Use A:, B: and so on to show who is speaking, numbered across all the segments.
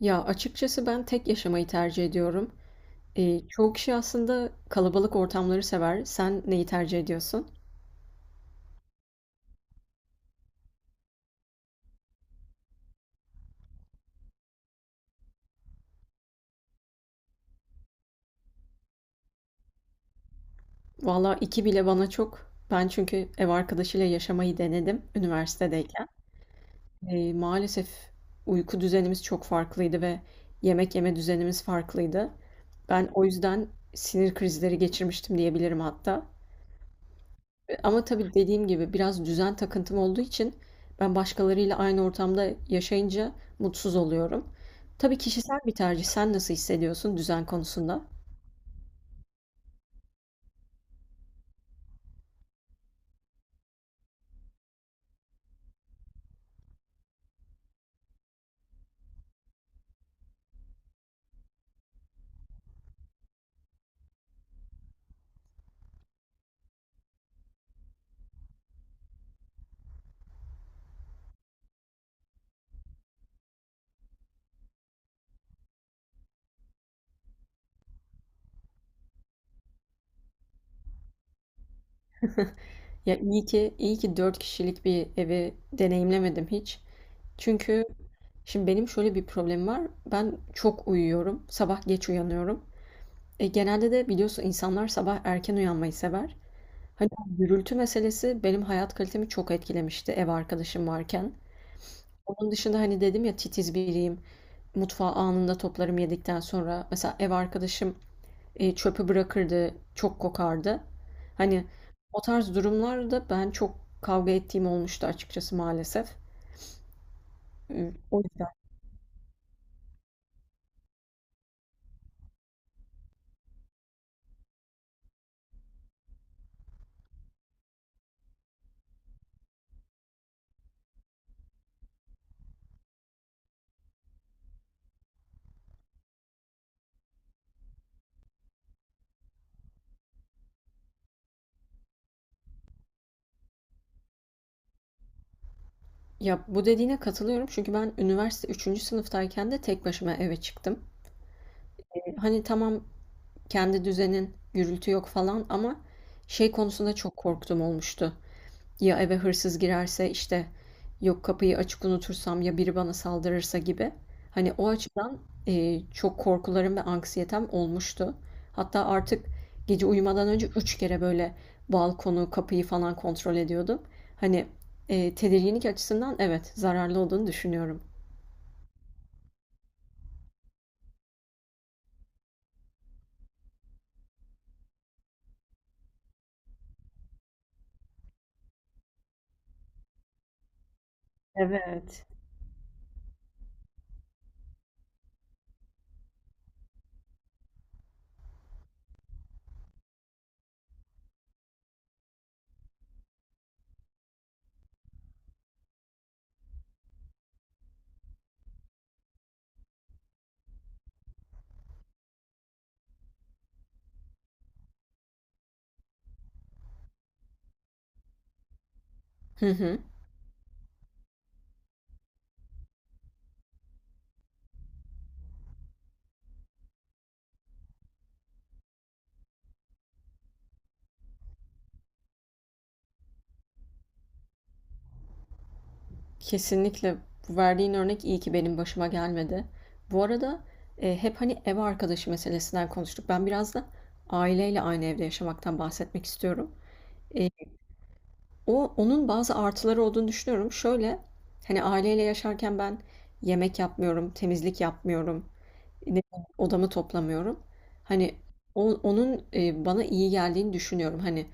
A: Ya açıkçası ben tek yaşamayı tercih ediyorum. Çoğu kişi aslında kalabalık ortamları sever. Sen neyi tercih ediyorsun? Valla iki bile bana çok. Ben çünkü ev arkadaşıyla yaşamayı denedim üniversitedeyken. Maalesef uyku düzenimiz çok farklıydı ve yemek yeme düzenimiz farklıydı. Ben o yüzden sinir krizleri geçirmiştim diyebilirim hatta. Ama tabii dediğim gibi biraz düzen takıntım olduğu için ben başkalarıyla aynı ortamda yaşayınca mutsuz oluyorum. Tabii kişisel bir tercih. Sen nasıl hissediyorsun düzen konusunda? Ya iyi ki 4 kişilik bir evi deneyimlemedim hiç. Çünkü şimdi benim şöyle bir problemim var. Ben çok uyuyorum. Sabah geç uyanıyorum. Genelde de biliyorsun insanlar sabah erken uyanmayı sever. Hani bu gürültü meselesi benim hayat kalitemi çok etkilemişti ev arkadaşım varken. Onun dışında hani dedim ya titiz biriyim. Mutfağı anında toplarım yedikten sonra. Mesela ev arkadaşım çöpü bırakırdı, çok kokardı. Hani o tarz durumlarda ben çok kavga ettiğim olmuştu açıkçası maalesef. O yüzden. Ya bu dediğine katılıyorum çünkü ben üniversite üçüncü sınıftayken de tek başıma eve çıktım. Hani tamam kendi düzenin, gürültü yok falan ama şey konusunda çok korktum olmuştu. Ya eve hırsız girerse işte yok kapıyı açık unutursam ya biri bana saldırırsa gibi. Hani o açıdan çok korkularım ve anksiyetem olmuştu. Hatta artık gece uyumadan önce üç kere böyle balkonu, kapıyı falan kontrol ediyordum. Hani tedirginlik açısından evet zararlı olduğunu düşünüyorum. Evet. Hı hı. Kesinlikle bu verdiğin örnek iyi ki benim başıma gelmedi. Bu arada hep hani ev arkadaşı meselesinden konuştuk. Ben biraz da aileyle aynı evde yaşamaktan bahsetmek istiyorum. E, o onun bazı artıları olduğunu düşünüyorum. Şöyle hani aileyle yaşarken ben yemek yapmıyorum, temizlik yapmıyorum, ne bileyim, odamı toplamıyorum. Hani onun bana iyi geldiğini düşünüyorum. Hani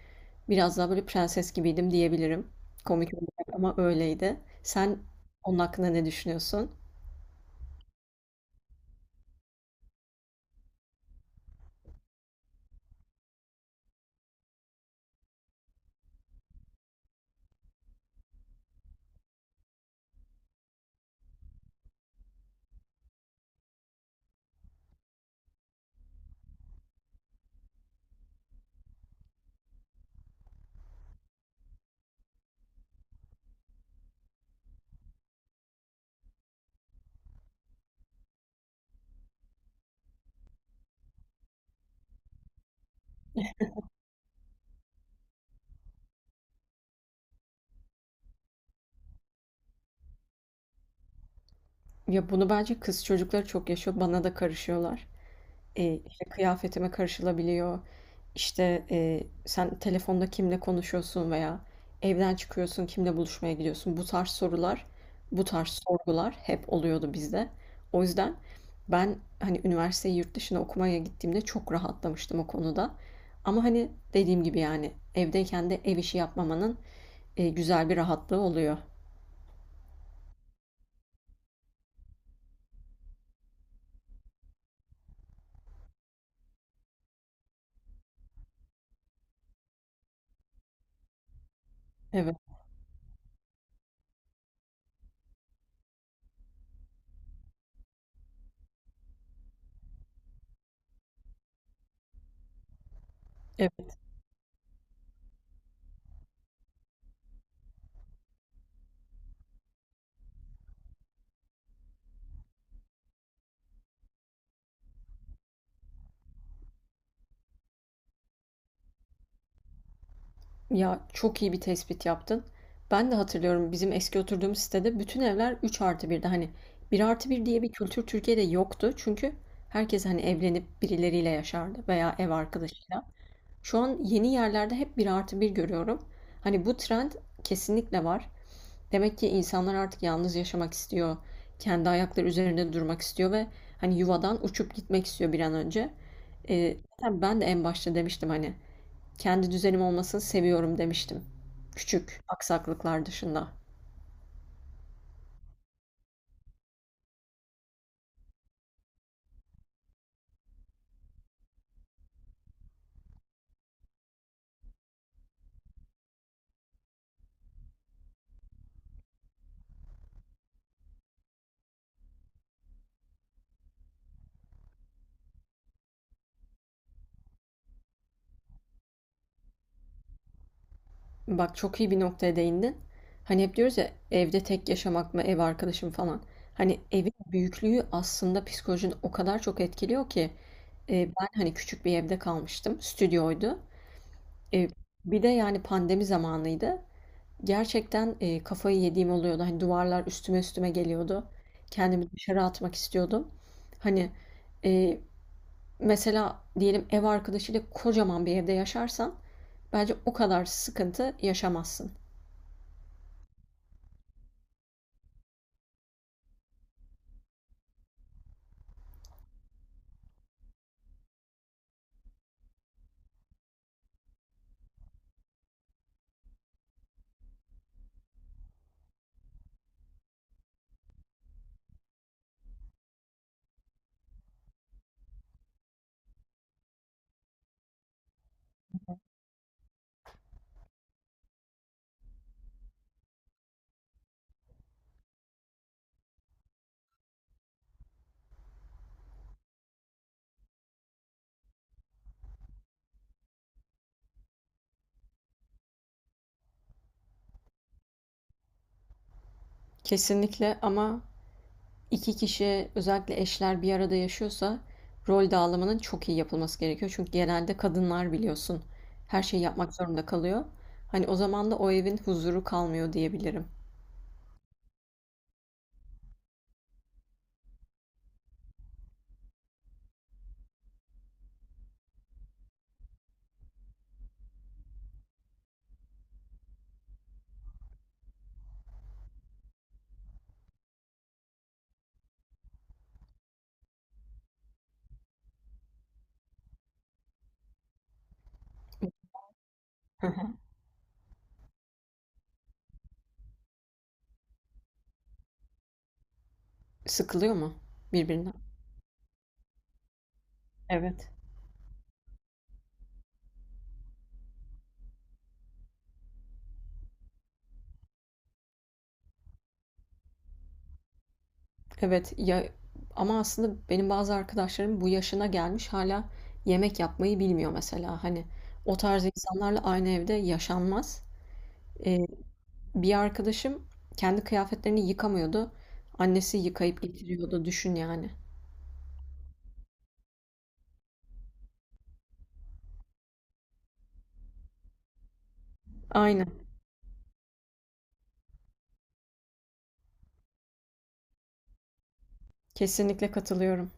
A: biraz daha böyle prenses gibiydim diyebilirim. Komik olacak ama öyleydi. Sen onun hakkında ne düşünüyorsun? Ya bunu bence kız çocukları çok yaşıyor. Bana da karışıyorlar. İşte kıyafetime karışılabiliyor. İşte, sen telefonda kimle konuşuyorsun veya evden çıkıyorsun, kimle buluşmaya gidiyorsun? Bu tarz sorular, bu tarz sorgular hep oluyordu bizde. O yüzden ben, hani, üniversiteyi yurt dışına okumaya gittiğimde çok rahatlamıştım o konuda. Ama, hani, dediğim gibi, yani, evdeyken de ev işi yapmamanın, güzel bir rahatlığı oluyor. Evet. Ya çok iyi bir tespit yaptın. Ben de hatırlıyorum bizim eski oturduğumuz sitede bütün evler 3 artı 1'di. Hani bir artı bir diye bir kültür Türkiye'de yoktu. Çünkü herkes hani evlenip birileriyle yaşardı veya ev arkadaşıyla. Şu an yeni yerlerde hep bir artı bir görüyorum. Hani bu trend kesinlikle var. Demek ki insanlar artık yalnız yaşamak istiyor. Kendi ayakları üzerinde durmak istiyor ve hani yuvadan uçup gitmek istiyor bir an önce. Zaten ben de en başta demiştim hani kendi düzenim olmasını seviyorum demiştim. Küçük aksaklıklar dışında. Bak çok iyi bir noktaya değindin. Hani hep diyoruz ya evde tek yaşamak mı, ev arkadaşım falan. Hani evin büyüklüğü aslında psikolojini o kadar çok etkiliyor ki. Ben hani küçük bir evde kalmıştım. Stüdyoydu. E, Bir de yani pandemi zamanıydı. Gerçekten kafayı yediğim oluyordu. Hani duvarlar üstüme üstüme geliyordu. Kendimi dışarı atmak istiyordum. Hani e, Mesela diyelim ev arkadaşıyla kocaman bir evde yaşarsan bence o kadar sıkıntı yaşamazsın. Kesinlikle ama iki kişi özellikle eşler bir arada yaşıyorsa rol dağılımının çok iyi yapılması gerekiyor. Çünkü genelde kadınlar biliyorsun her şeyi yapmak zorunda kalıyor. Hani o zaman da o evin huzuru kalmıyor diyebilirim. Hı hı. Sıkılıyor mu birbirinden? Evet. Evet ya, ama aslında benim bazı arkadaşlarım bu yaşına gelmiş hala yemek yapmayı bilmiyor mesela. Hani o tarz insanlarla aynı evde yaşanmaz. Eee, Bir arkadaşım kendi kıyafetlerini yıkamıyordu. Annesi yıkayıp getiriyordu. Düşün yani. Aynen. Kesinlikle katılıyorum.